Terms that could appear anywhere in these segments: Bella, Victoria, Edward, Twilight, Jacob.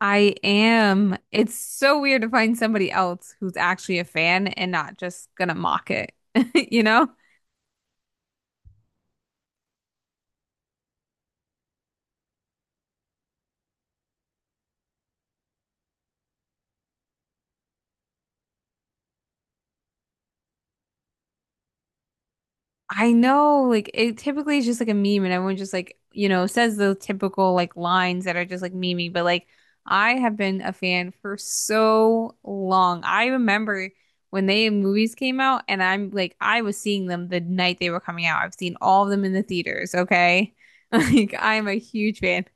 I am. It's so weird to find somebody else who's actually a fan and not just gonna mock it. You know? I know, like it typically is just like a meme and everyone just like, you know, says the typical like lines that are just like memey, but like I have been a fan for so long. I remember when they movies came out and I'm like I was seeing them the night they were coming out. I've seen all of them in the theaters, okay? Like I'm a huge fan.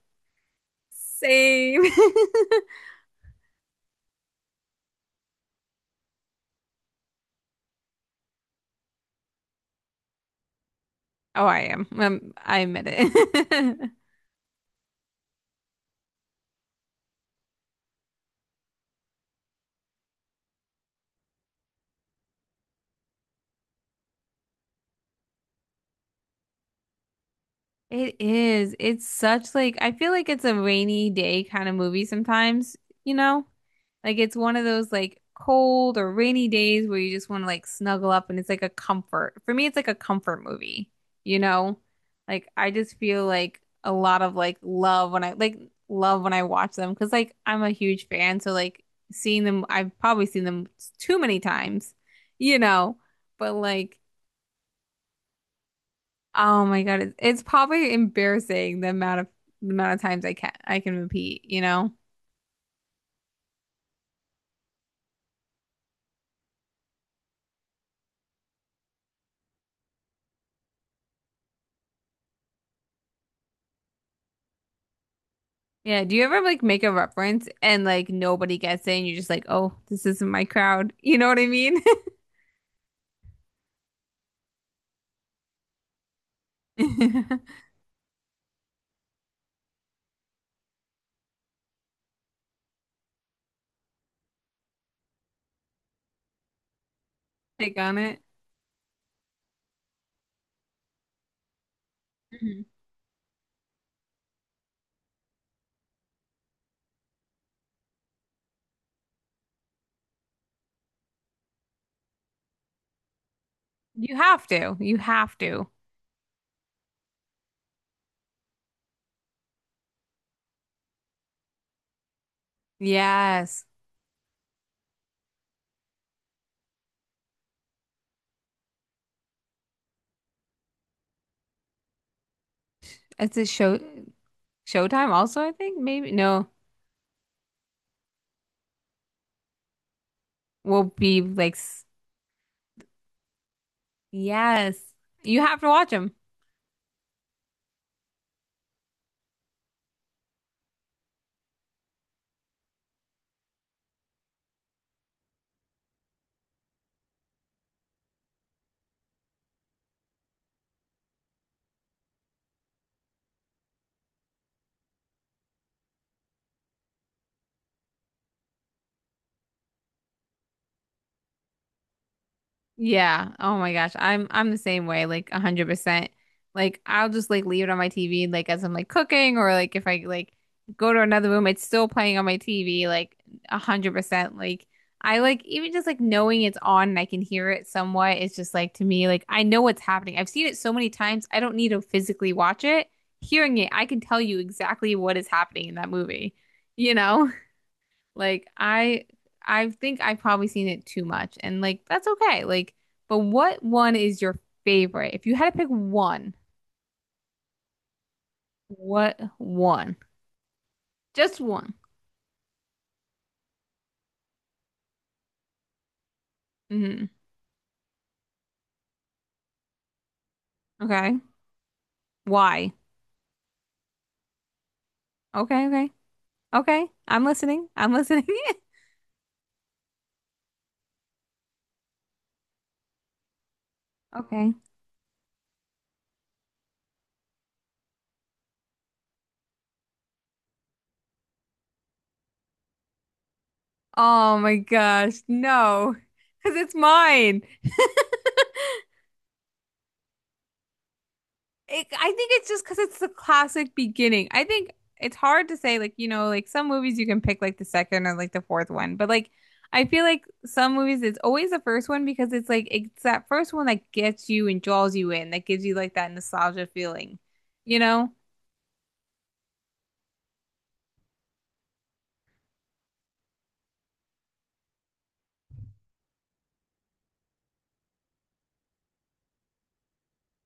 Same. Oh, I am. I admit it. It is. It's such like I feel like it's a rainy day kind of movie sometimes, you know? Like it's one of those like cold or rainy days where you just want to like snuggle up and it's like a comfort. For me, it's like a comfort movie, you know? Like I just feel like a lot of like love when I like love when I watch them because like I'm a huge fan, so like seeing them, I've probably seen them too many times, you know? But like oh my God, it's probably embarrassing the amount of times I can repeat, you know? Yeah, do you ever like make a reference and like nobody gets it and you're just like, "Oh, this isn't my crowd." You know what I mean? Take on it. Mhm. You have to. You have to. Yes. It's a show. Showtime also, I think. Maybe no. Will be like s- yes. You have to watch them. Yeah. Oh my gosh. I'm the same way, like 100%. Like I'll just like leave it on my TV like as I'm like cooking or like if I like go to another room, it's still playing on my TV like 100%. Like I like even just like knowing it's on and I can hear it somewhat, it's just like to me, like I know what's happening. I've seen it so many times, I don't need to physically watch it. Hearing it, I can tell you exactly what is happening in that movie, you know? Like I think I've probably seen it too much and like that's okay. Like but what one is your favorite? If you had to pick one, what one? Just one. Hmm. Okay. Why? Okay, okay. Okay. I'm listening. I'm listening. Okay. Oh my gosh, no. Because it's mine. It, I think it's just because it's the classic beginning. I think it's hard to say, like, you know, like some movies you can pick like the second or like the fourth one, but like I feel like some movies it's always the first one because it's like it's that first one that gets you and draws you in, that gives you like that nostalgia feeling, you know?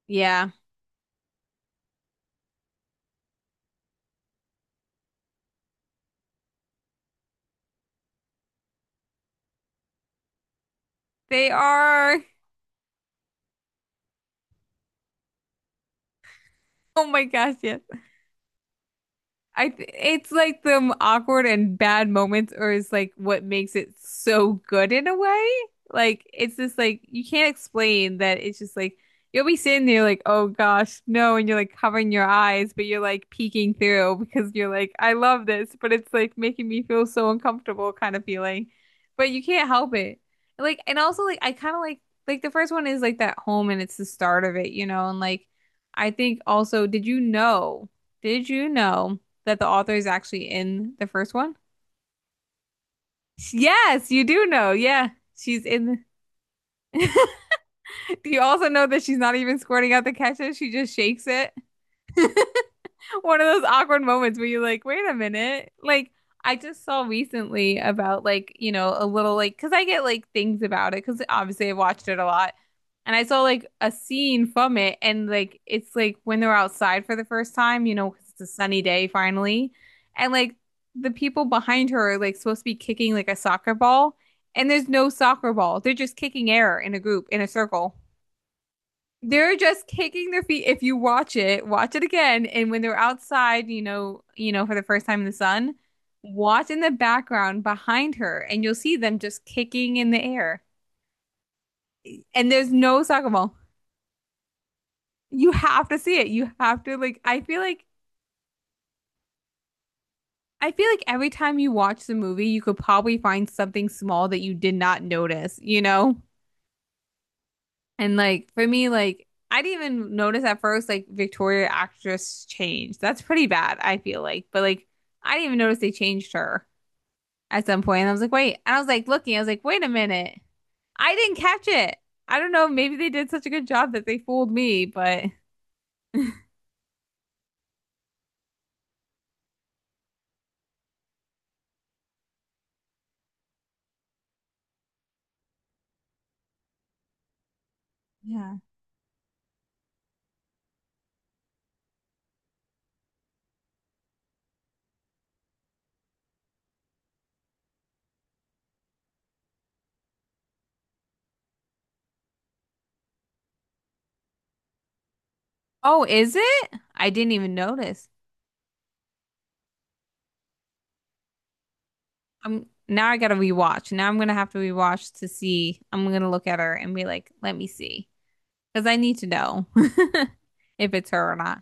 Yeah, they are. Oh my gosh, yes. I th it's like the awkward and bad moments, or is like what makes it so good in a way. Like it's just like you can't explain that. It's just like you'll be sitting there like, oh gosh, no, and you're like covering your eyes, but you're like peeking through because you're like, I love this, but it's like making me feel so uncomfortable kind of feeling. But you can't help it. Like and also like I kind of like the first one is like that home and it's the start of it, you know, and like I think also, did you know? Did you know that the author is actually in the first one? Yes, you do know. Yeah, she's in. The- Do you also know that she's not even squirting out the ketchup? She just shakes it. One of those awkward moments where you're like, wait a minute. Like, I just saw recently about like, you know, a little like, because I get like things about it, because obviously I watched it a lot. And I saw like a scene from it, and like, it's like when they're outside for the first time, you know, 'cause it's a sunny day finally. And like, the people behind her are like supposed to be kicking like a soccer ball, and there's no soccer ball. They're just kicking air in a group, in a circle. They're just kicking their feet. If you watch it again. And when they're outside, you know, for the first time in the sun, watch in the background behind her, and you'll see them just kicking in the air. And there's no soccer ball. You have to see it. You have to like. I feel like every time you watch the movie, you could probably find something small that you did not notice. You know? And like for me, like I didn't even notice at first like Victoria actress changed. That's pretty bad, I feel like. But like I didn't even notice they changed her at some point. And I was like, wait. And I was like looking, I was like, wait a minute. I didn't catch it. I don't know. Maybe they did such a good job that they fooled me, but yeah. Oh, is it? I didn't even notice. I'm now I gotta rewatch. Now I'm gonna have to rewatch to see. I'm gonna look at her and be like, let me see. Because I need to know if it's her or not.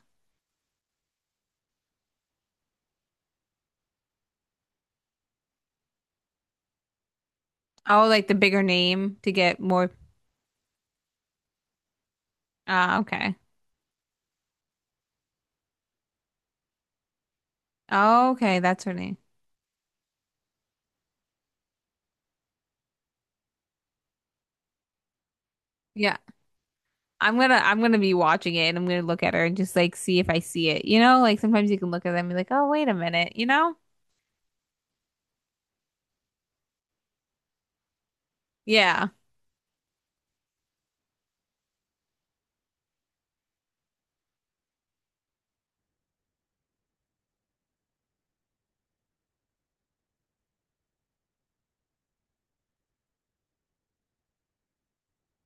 Oh, like the bigger name to get more. Ah, okay. Oh, okay, that's her name. Yeah. I'm gonna be watching it and I'm gonna look at her and just like see if I see it. You know, like sometimes you can look at them and be like, oh, wait a minute, you know? Yeah.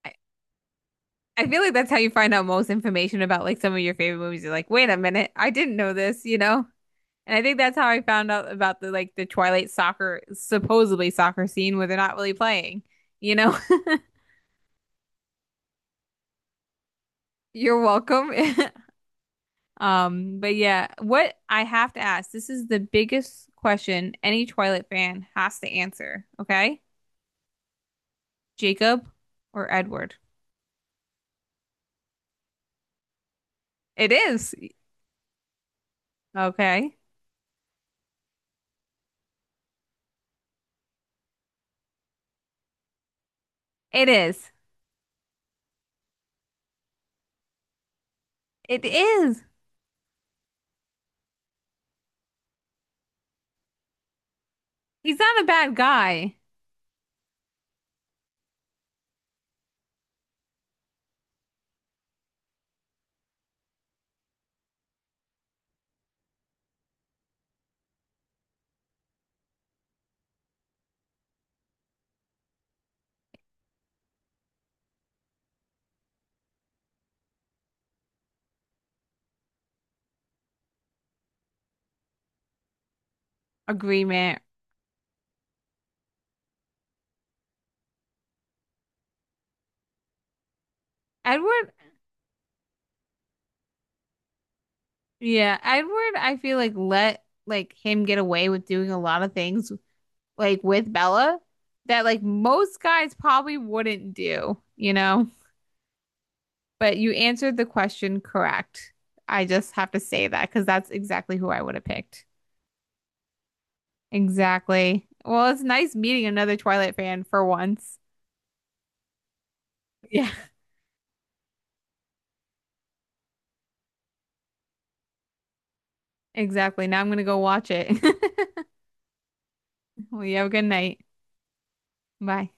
I, I feel like that's how you find out most information about like some of your favorite movies. You're like, wait a minute, I didn't know this, you know? And I think that's how I found out about the like the Twilight soccer supposedly soccer scene where they're not really playing. You know, you're welcome. But yeah, what I have to ask, this is the biggest question any Twilight fan has to answer, okay? Jacob or Edward? It is. Okay. It is. It is. He's not a bad guy. Agreement. Edward, yeah, Edward, I feel like let like him get away with doing a lot of things like with Bella that like most guys probably wouldn't do, you know? But you answered the question correct. I just have to say that because that's exactly who I would have picked. Exactly. Well, it's nice meeting another Twilight fan for once. Yeah, exactly. Now I'm gonna go watch it. Well, you have a good night. Bye.